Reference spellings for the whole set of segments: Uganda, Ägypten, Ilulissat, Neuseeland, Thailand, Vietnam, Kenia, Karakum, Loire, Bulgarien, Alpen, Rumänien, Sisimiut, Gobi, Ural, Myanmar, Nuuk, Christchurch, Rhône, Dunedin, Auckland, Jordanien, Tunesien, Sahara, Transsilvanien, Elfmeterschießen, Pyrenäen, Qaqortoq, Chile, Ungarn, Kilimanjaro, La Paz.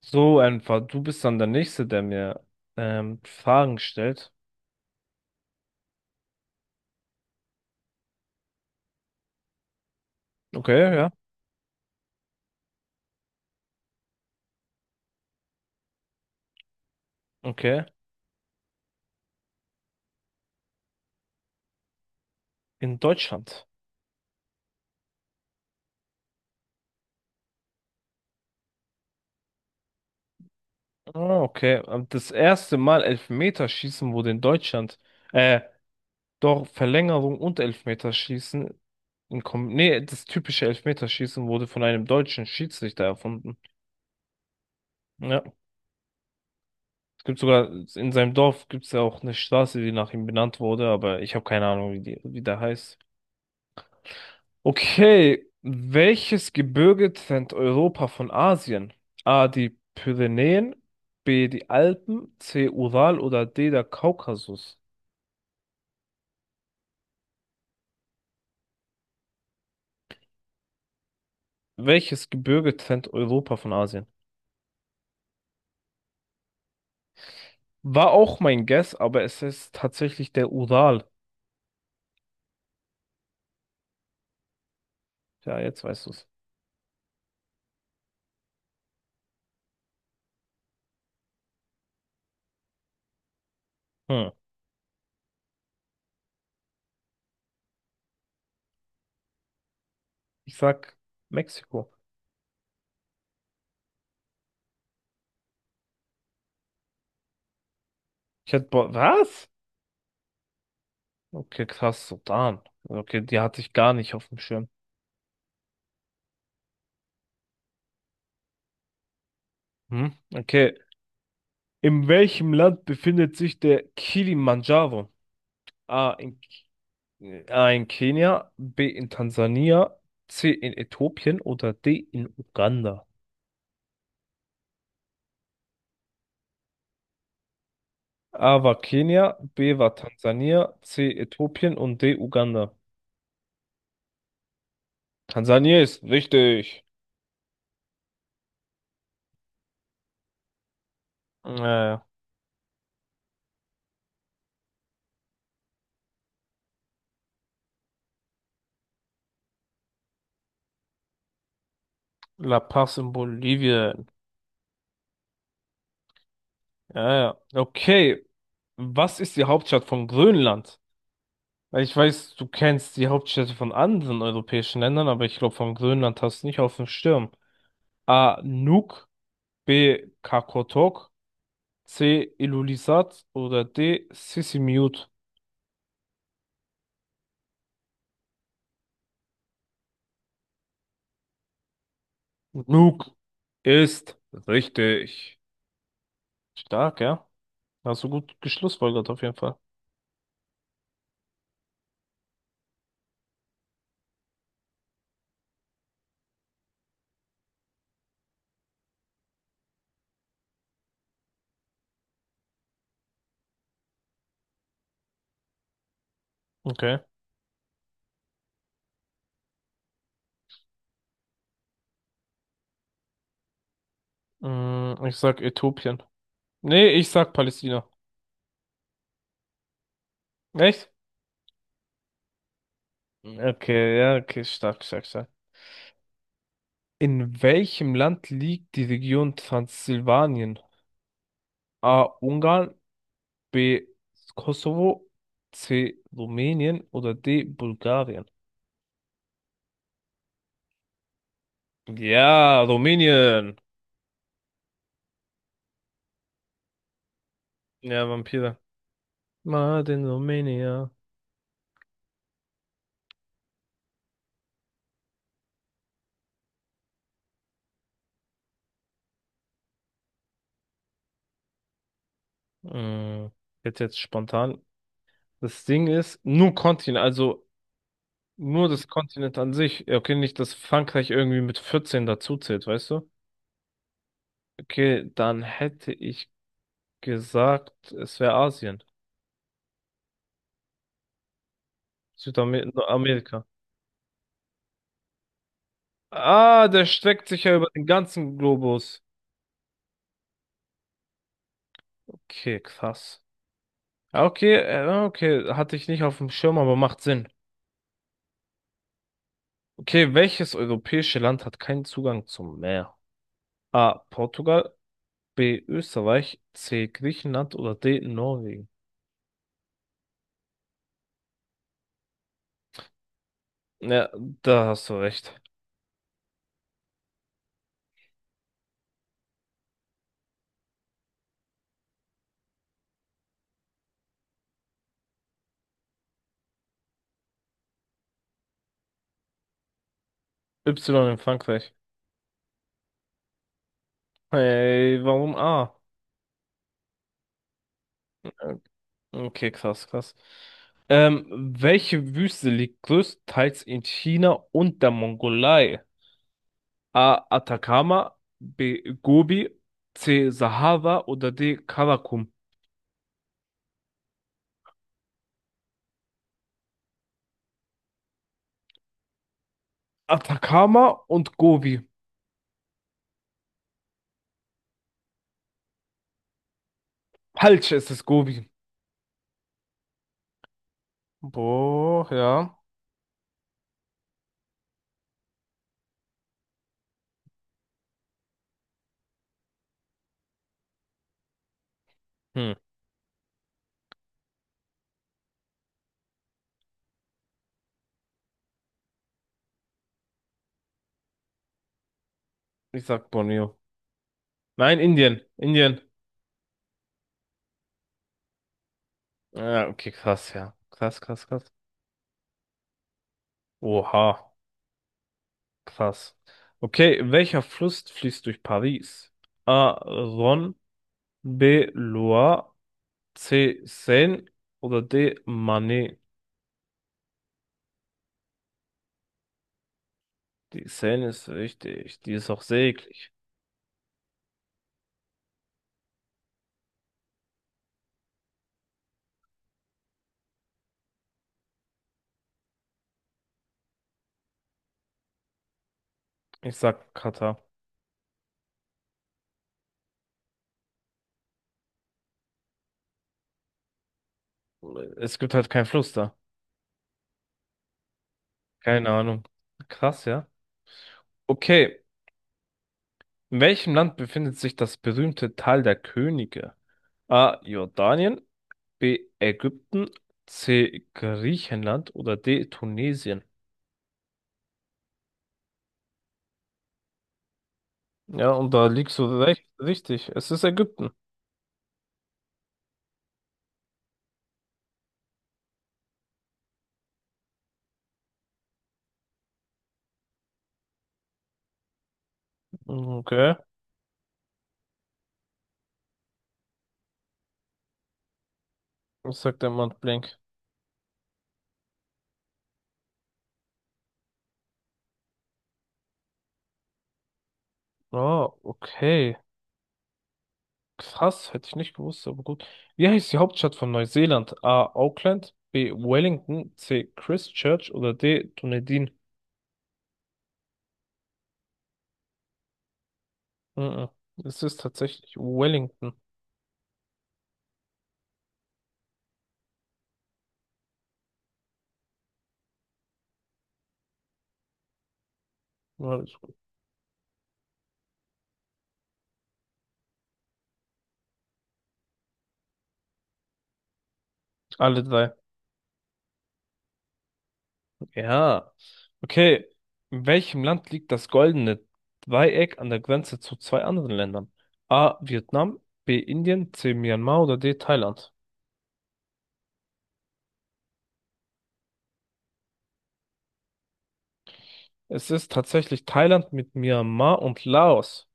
So einfach. Du bist dann der Nächste, der mir Fragen stellt. Okay, ja. Okay. In Deutschland. Ah, okay. Das erste Mal Elfmeterschießen wurde in Deutschland. Äh, doch Verlängerung und Elfmeterschießen. Das typische Elfmeterschießen wurde von einem deutschen Schiedsrichter erfunden. Ja. Es gibt sogar, in seinem Dorf gibt es ja auch eine Straße, die nach ihm benannt wurde, aber ich habe keine Ahnung, wie der heißt. Okay, welches Gebirge trennt Europa von Asien? A, die Pyrenäen, B, die Alpen, C, Ural oder D, der Kaukasus. Welches Gebirge trennt Europa von Asien? War auch mein Guess, aber es ist tatsächlich der Ural. Ja, jetzt weißt du's. Hm. Ich sag Mexiko. Was? Okay, krass, Sudan. Okay, die hatte ich gar nicht auf dem Schirm. Hm? Okay. In welchem Land befindet sich der Kilimanjaro? A, in A in Kenia, B in Tansania, C in Äthiopien oder D in Uganda. A war Kenia, B war Tansania, C Äthiopien und D Uganda. Tansania ist richtig. Äh, La Paz in Bolivien. Ja, ja. Okay. Was ist die Hauptstadt von Grönland? Weil ich weiß, du kennst die Hauptstädte von anderen europäischen Ländern, aber ich glaube, von Grönland hast du nicht auf dem Schirm. A. Nuuk, B. Qaqortoq, C. Ilulissat oder D. Sisimiut. Nuke ist richtig. Stark, ja. Hast du gut geschlussfolgert auf jeden Fall. Okay. Mm, ich sag Äthiopien. Nee, ich sag Palästina. Echt? Okay, ja, okay, stark, stark, stark. In welchem Land liegt die Region Transsilvanien? A. Ungarn, B. Kosovo, C. Rumänien oder D. Bulgarien? Ja, Rumänien. Ja, Vampire. Mad in Romania. Mm, jetzt spontan. Das Ding ist, nur Kontinent, also nur das Kontinent an sich. Ja, okay, nicht, dass Frankreich irgendwie mit 14 dazuzählt, weißt du? Okay, dann hätte ich gesagt, es wäre Asien. Südamerika. Ah, der streckt sich ja über den ganzen Globus. Okay, krass. Ah, okay, okay, hatte ich nicht auf dem Schirm, aber macht Sinn. Okay, welches europäische Land hat keinen Zugang zum Meer? A. Portugal, B. Österreich, C. Griechenland oder D. Norwegen? Ja, da hast du recht. Y in Frankreich. Hey, warum A? Okay, krass, krass. Welche Wüste liegt größtenteils in China und der Mongolei? A. Atacama, B. Gobi, C. Sahara oder D. Karakum? Atacama und Gobi. Falsch, es ist Gobi. Boah, ja. Hm, ich sag Borneo. Nein, Indien. Indien. Ja, okay, krass, ja. Krass, krass, krass. Oha, krass. Okay, welcher Fluss fließt durch Paris? A. Rhône, B. Loire, C. Seine oder D. Manet? Die Seine ist richtig, die ist auch seglig. Ich sag Katar. Es gibt halt keinen Fluss da. Keine Ahnung. Krass, ja. Okay, in welchem Land befindet sich das berühmte Tal der Könige? A. Jordanien, B. Ägypten, C. Griechenland oder D. Tunesien. Ja, und da liegst du recht, richtig. Es ist Ägypten. Okay. Was sagt der Mann Blank? Ah, okay. Krass, hätte ich nicht gewusst, aber gut. Wie heißt die Hauptstadt von Neuseeland? A. Auckland, B. Wellington, C. Christchurch oder D. Dunedin. Mhm. Es ist tatsächlich Wellington. Ja, ist gut. Alle drei. Ja. Okay. In welchem Land liegt das goldene Dreieck an der Grenze zu zwei anderen Ländern? A. Vietnam, B. Indien, C. Myanmar oder D. Thailand? Es ist tatsächlich Thailand mit Myanmar und Laos.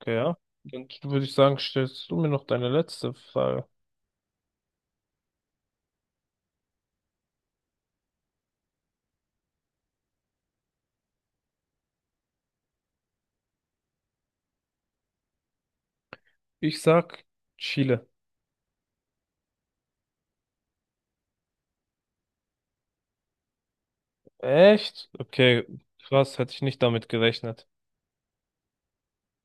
Okay, ja. Dann würde ich sagen, stellst du mir noch deine letzte Frage. Ich sag Chile. Echt? Okay, krass, hätte ich nicht damit gerechnet.